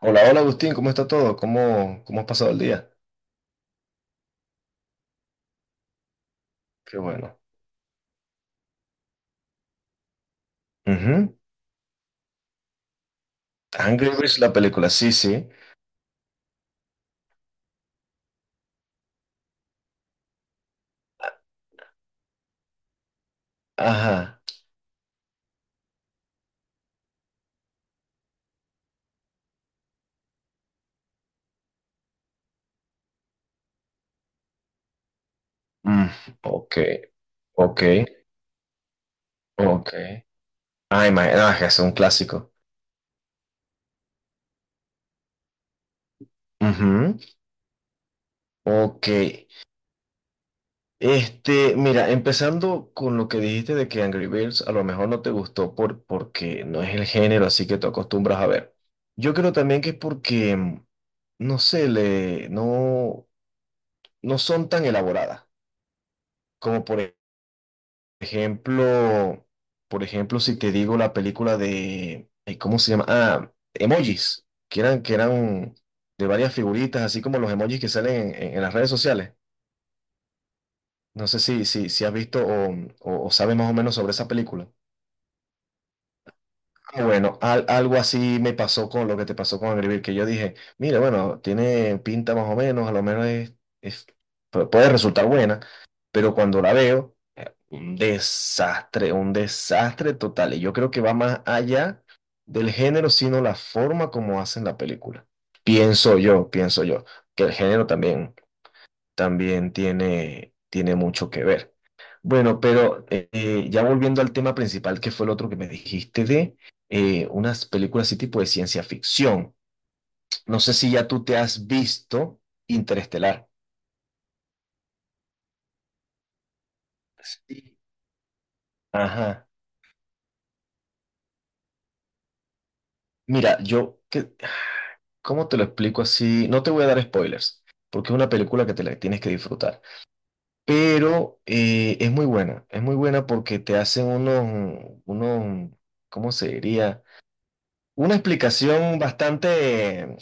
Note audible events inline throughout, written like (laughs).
Hola, hola Agustín, ¿cómo está todo? ¿¿Cómo has pasado el día? Qué bueno. Ujú. Angry Birds, la película, sí, sí. Ajá. Mm, ok, ok, ok. Ay, es que es un clásico. Ujú. Ok. Este, mira, empezando con lo que dijiste de que Angry Birds a lo mejor no te gustó porque no es el género así que tú acostumbras a ver. Yo creo también que es porque, no sé, le, no, no son tan elaboradas como ejemplo, por ejemplo, si te digo la película de, ay, ¿cómo se llama? Ah, emojis, que eran de varias figuritas, así como los emojis que salen en las redes sociales. No sé si has visto o sabes más o menos sobre esa película. Ah, bueno, al- algo así me pasó con lo que te pasó con Angry Birds, que yo dije, mira, bueno, tiene pinta más o menos, a lo menos es- puede resultar buena, pero cuando la veo un desastre, un desastre total. Y yo creo que va más allá del género, sino la forma como hacen la película. Pienso yo, que el género también, también tiene mucho que ver. Bueno, pero ya volviendo al tema principal, que fue el otro que me dijiste de unas películas así tipo de ciencia ficción. No sé si ya tú te has visto Interestelar. Sí. Ajá. Mira, yo que ¿cómo te lo explico así? No te voy a dar spoilers, porque es una película que te la tienes que disfrutar. Pero es muy buena porque te hacen unos, ¿cómo se diría? Una explicación bastante,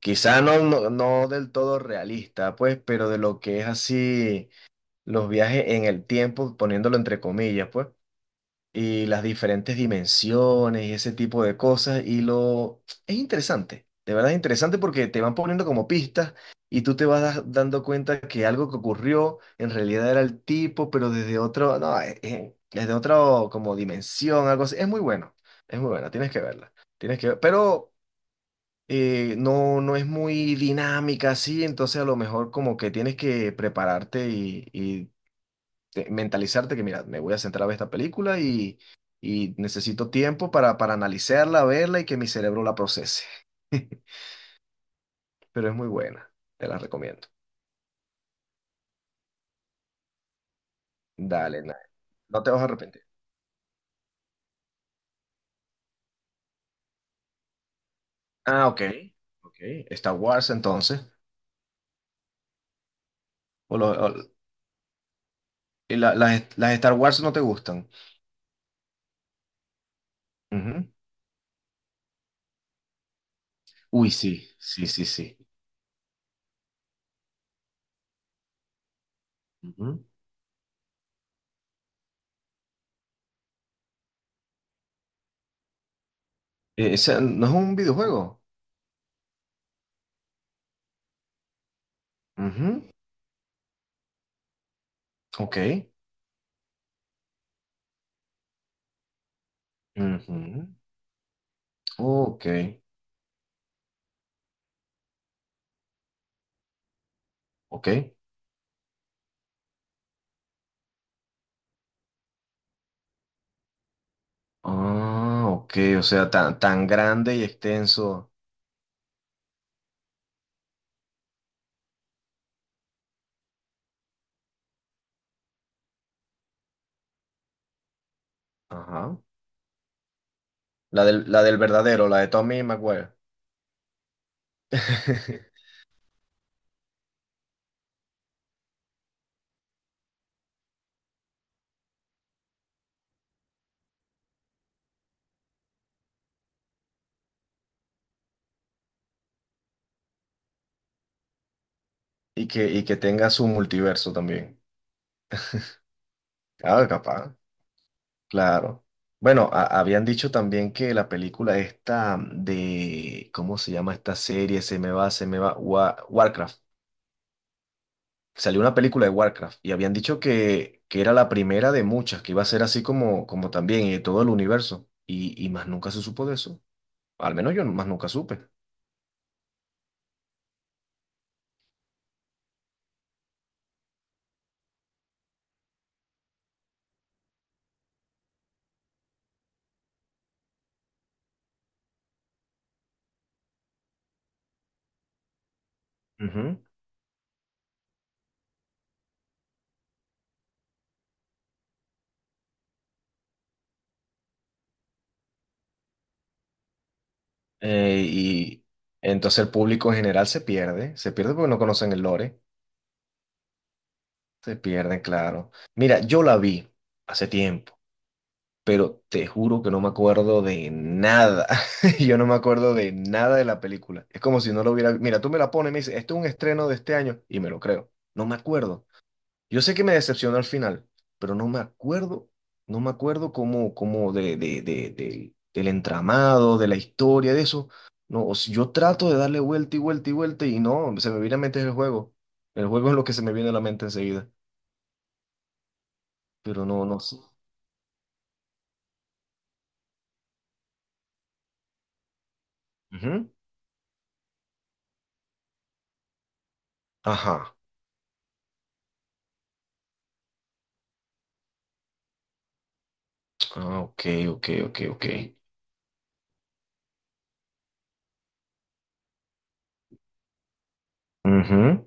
quizá no del todo realista, pues, pero de lo que es así los viajes en el tiempo, poniéndolo entre comillas, pues, y las diferentes dimensiones y ese tipo de cosas. Y lo es interesante, de verdad es interesante porque te van poniendo como pistas y tú te vas dando cuenta que algo que ocurrió en realidad era el tipo, pero desde otro, no, desde otra como dimensión, algo así. Es muy bueno, es muy buena, tienes que verla, tienes que ver- pero no, no es muy dinámica así, entonces a lo mejor como que tienes que prepararte y te- mentalizarte que, mira, me voy a centrar a ver esta película y necesito tiempo para analizarla, verla y que mi cerebro la procese. (laughs) Pero es muy buena, te la recomiendo. Dale, na- no te vas a arrepentir. Ah, ok. Ok, Star Wars entonces. O lo- o- y la- las Star Wars no te gustan. Ujú. Uy, sí, sí, sí, sí. Ujú. Ese no es un videojuego. Ujú. Ok. Ujú. Ok. Ok. Ah, ok, o sea, tan, tan grande y extenso. Ajá. La del verdadero, la de Tommy Maguire. (laughs) Y que tenga su multiverso también. Ah, capaz, claro. Bueno, a- habían dicho también que la película esta de, ¿cómo se llama esta serie? Se me va, Wa- Warcraft. Salió una película de Warcraft y habían dicho que era la primera de muchas, que iba a ser así como, como también y de todo el universo. Y más nunca se supo de eso. Al menos yo más nunca supe. Ujú. Y entonces el público en general se pierde porque no conocen el lore, se pierden, claro. Mira, yo la vi hace tiempo, pero te juro que no me acuerdo de nada. (laughs) Yo no me acuerdo de nada de la película. Es como si no lo hubiera... Mira, tú me la pones y me dices, esto es un estreno de este año y me lo creo. No me acuerdo. Yo sé que me decepcionó al final, pero no me acuerdo, no me acuerdo cómo, cómo del entramado, de la historia, de eso. No, o sea, yo trato de darle vuelta y vuelta y vuelta y no, se me viene a la mente el juego. El juego es lo que se me viene a la mente enseguida, pero no, no sé. Ujú. Ajá. Ah, ok, ok, ok, ok. Ujú.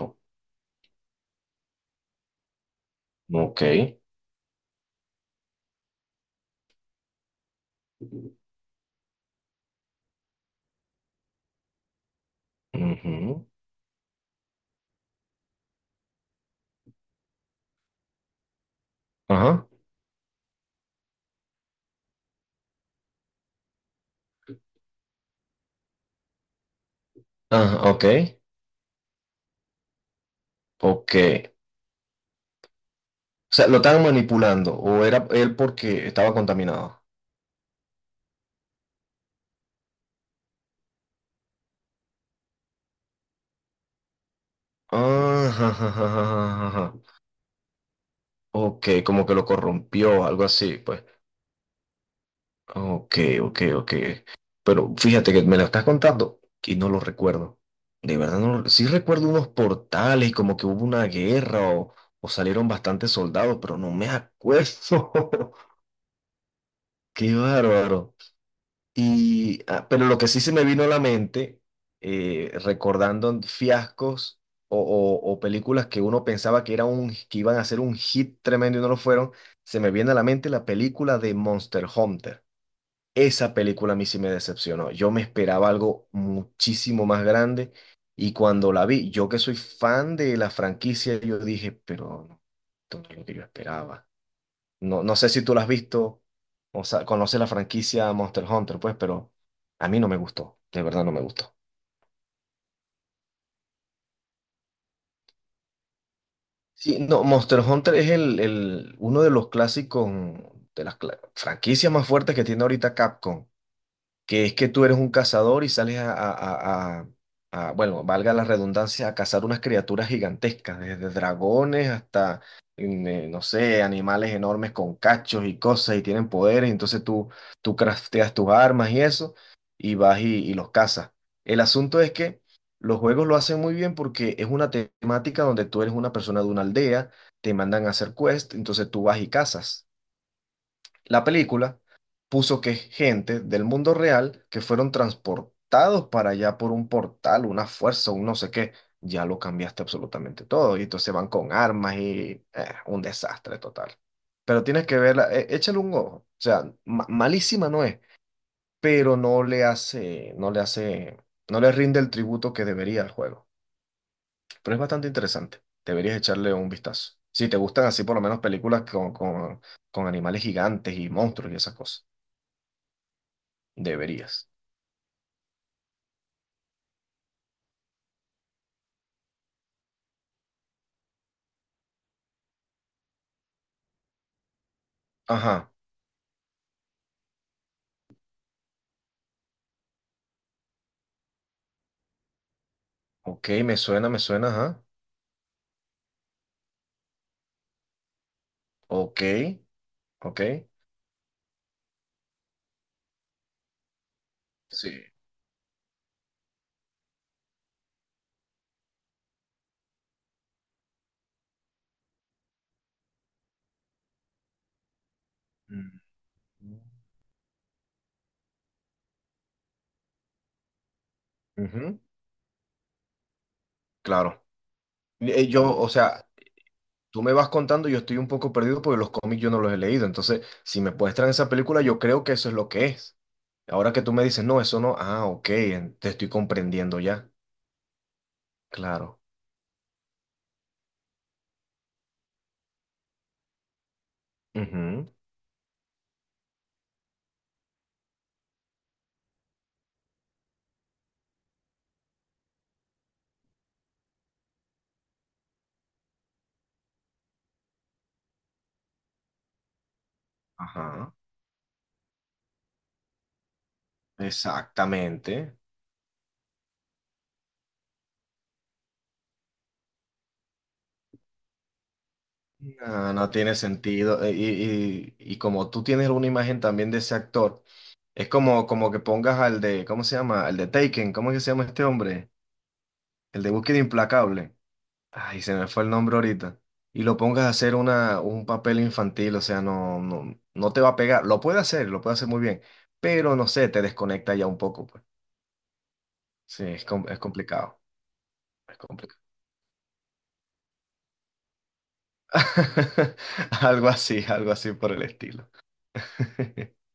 O- ok. Ujú. Ajá. Ah, ok. Ok. O sea, lo estaban manipulando o era él porque estaba contaminado. Ah, ja, ja, ja, ja, ja, ja, ja. Ok, como que lo corrompió, algo así, pues. Ok, ok, ok. Pero fíjate que me lo estás contando y no lo recuerdo. De verdad, no, lo- sí recuerdo unos portales, como que hubo una guerra o salieron bastantes soldados, pero no me acuerdo. (laughs) Qué bárbaro. Y, ah, pero lo que sí se me vino a la mente, recordando fiascos o películas que uno pensaba que, era un, que iban a ser un hit tremendo y no lo fueron, se me viene a la mente la película de Monster Hunter. Esa película a mí sí me decepcionó. Yo me esperaba algo muchísimo más grande y cuando la vi, yo que soy fan de la franquicia, yo dije, pero no, esto no es lo que yo esperaba. No, no sé si tú la has visto o sea, conoces la franquicia Monster Hunter, pues, pero a mí no me gustó, de verdad no me gustó. Sí, no, Monster Hunter es uno de los clásicos, de las cla- franquicias más fuertes que tiene ahorita Capcom, que es que tú eres un cazador y sales bueno, valga la redundancia, a cazar unas criaturas gigantescas, desde dragones hasta, no sé, animales enormes con cachos y cosas y tienen poderes, tú crafteas tus armas y eso y los cazas. El asunto es que los juegos lo hacen muy bien porque es una temática donde tú eres una persona de una aldea, te mandan a hacer quest, entonces tú vas y cazas. La película puso que es gente del mundo real que fueron transportados para allá por un portal, una fuerza, un no sé qué. Ya lo cambiaste absolutamente todo. Y entonces van con armas y un desastre total. Pero tienes que verla, échale un ojo. O sea, ma- malísima no es, pero no le hace, no le rinde el tributo que debería al juego. Pero es bastante interesante. Deberías echarle un vistazo. Si te gustan así por lo menos películas con animales gigantes y monstruos y esas cosas. Deberías. Ajá. Ok, me suena, ajá. Ok, ok. Sí. Mm. Ujú, claro. Yo, o sea, tú me vas contando, yo estoy un poco perdido porque los cómics yo no los he leído. Entonces, si me muestran esa película, yo creo que eso es lo que es. Ahora que tú me dices, no, eso no. Ah, ok, en- te estoy comprendiendo ya. Claro. Ujú, ajá. Exactamente. No, no tiene sentido. Y, y como tú tienes una imagen también de ese actor. Es como, como que pongas al de, ¿cómo se llama? Al de Taken, ¿cómo es que se llama este hombre? El de Búsqueda Implacable. Ay, se me fue el nombre ahorita. Y lo pongas a hacer una, un papel infantil, o sea, no te va a pegar. Lo puede hacer muy bien, pero no sé, te desconecta ya un poco, pues. Sí, es complicado, es complicado. (laughs) Algo así por el estilo. (laughs)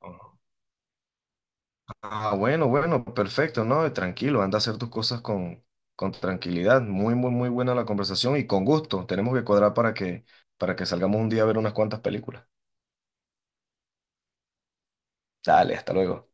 Ay, ah, bueno, bueno, perfecto, ¿no? Tranquilo, anda a hacer tus cosas con tranquilidad. Muy, muy, muy buena la conversación y con gusto. Tenemos que cuadrar para que salgamos un día a ver unas cuantas películas. Dale, hasta luego.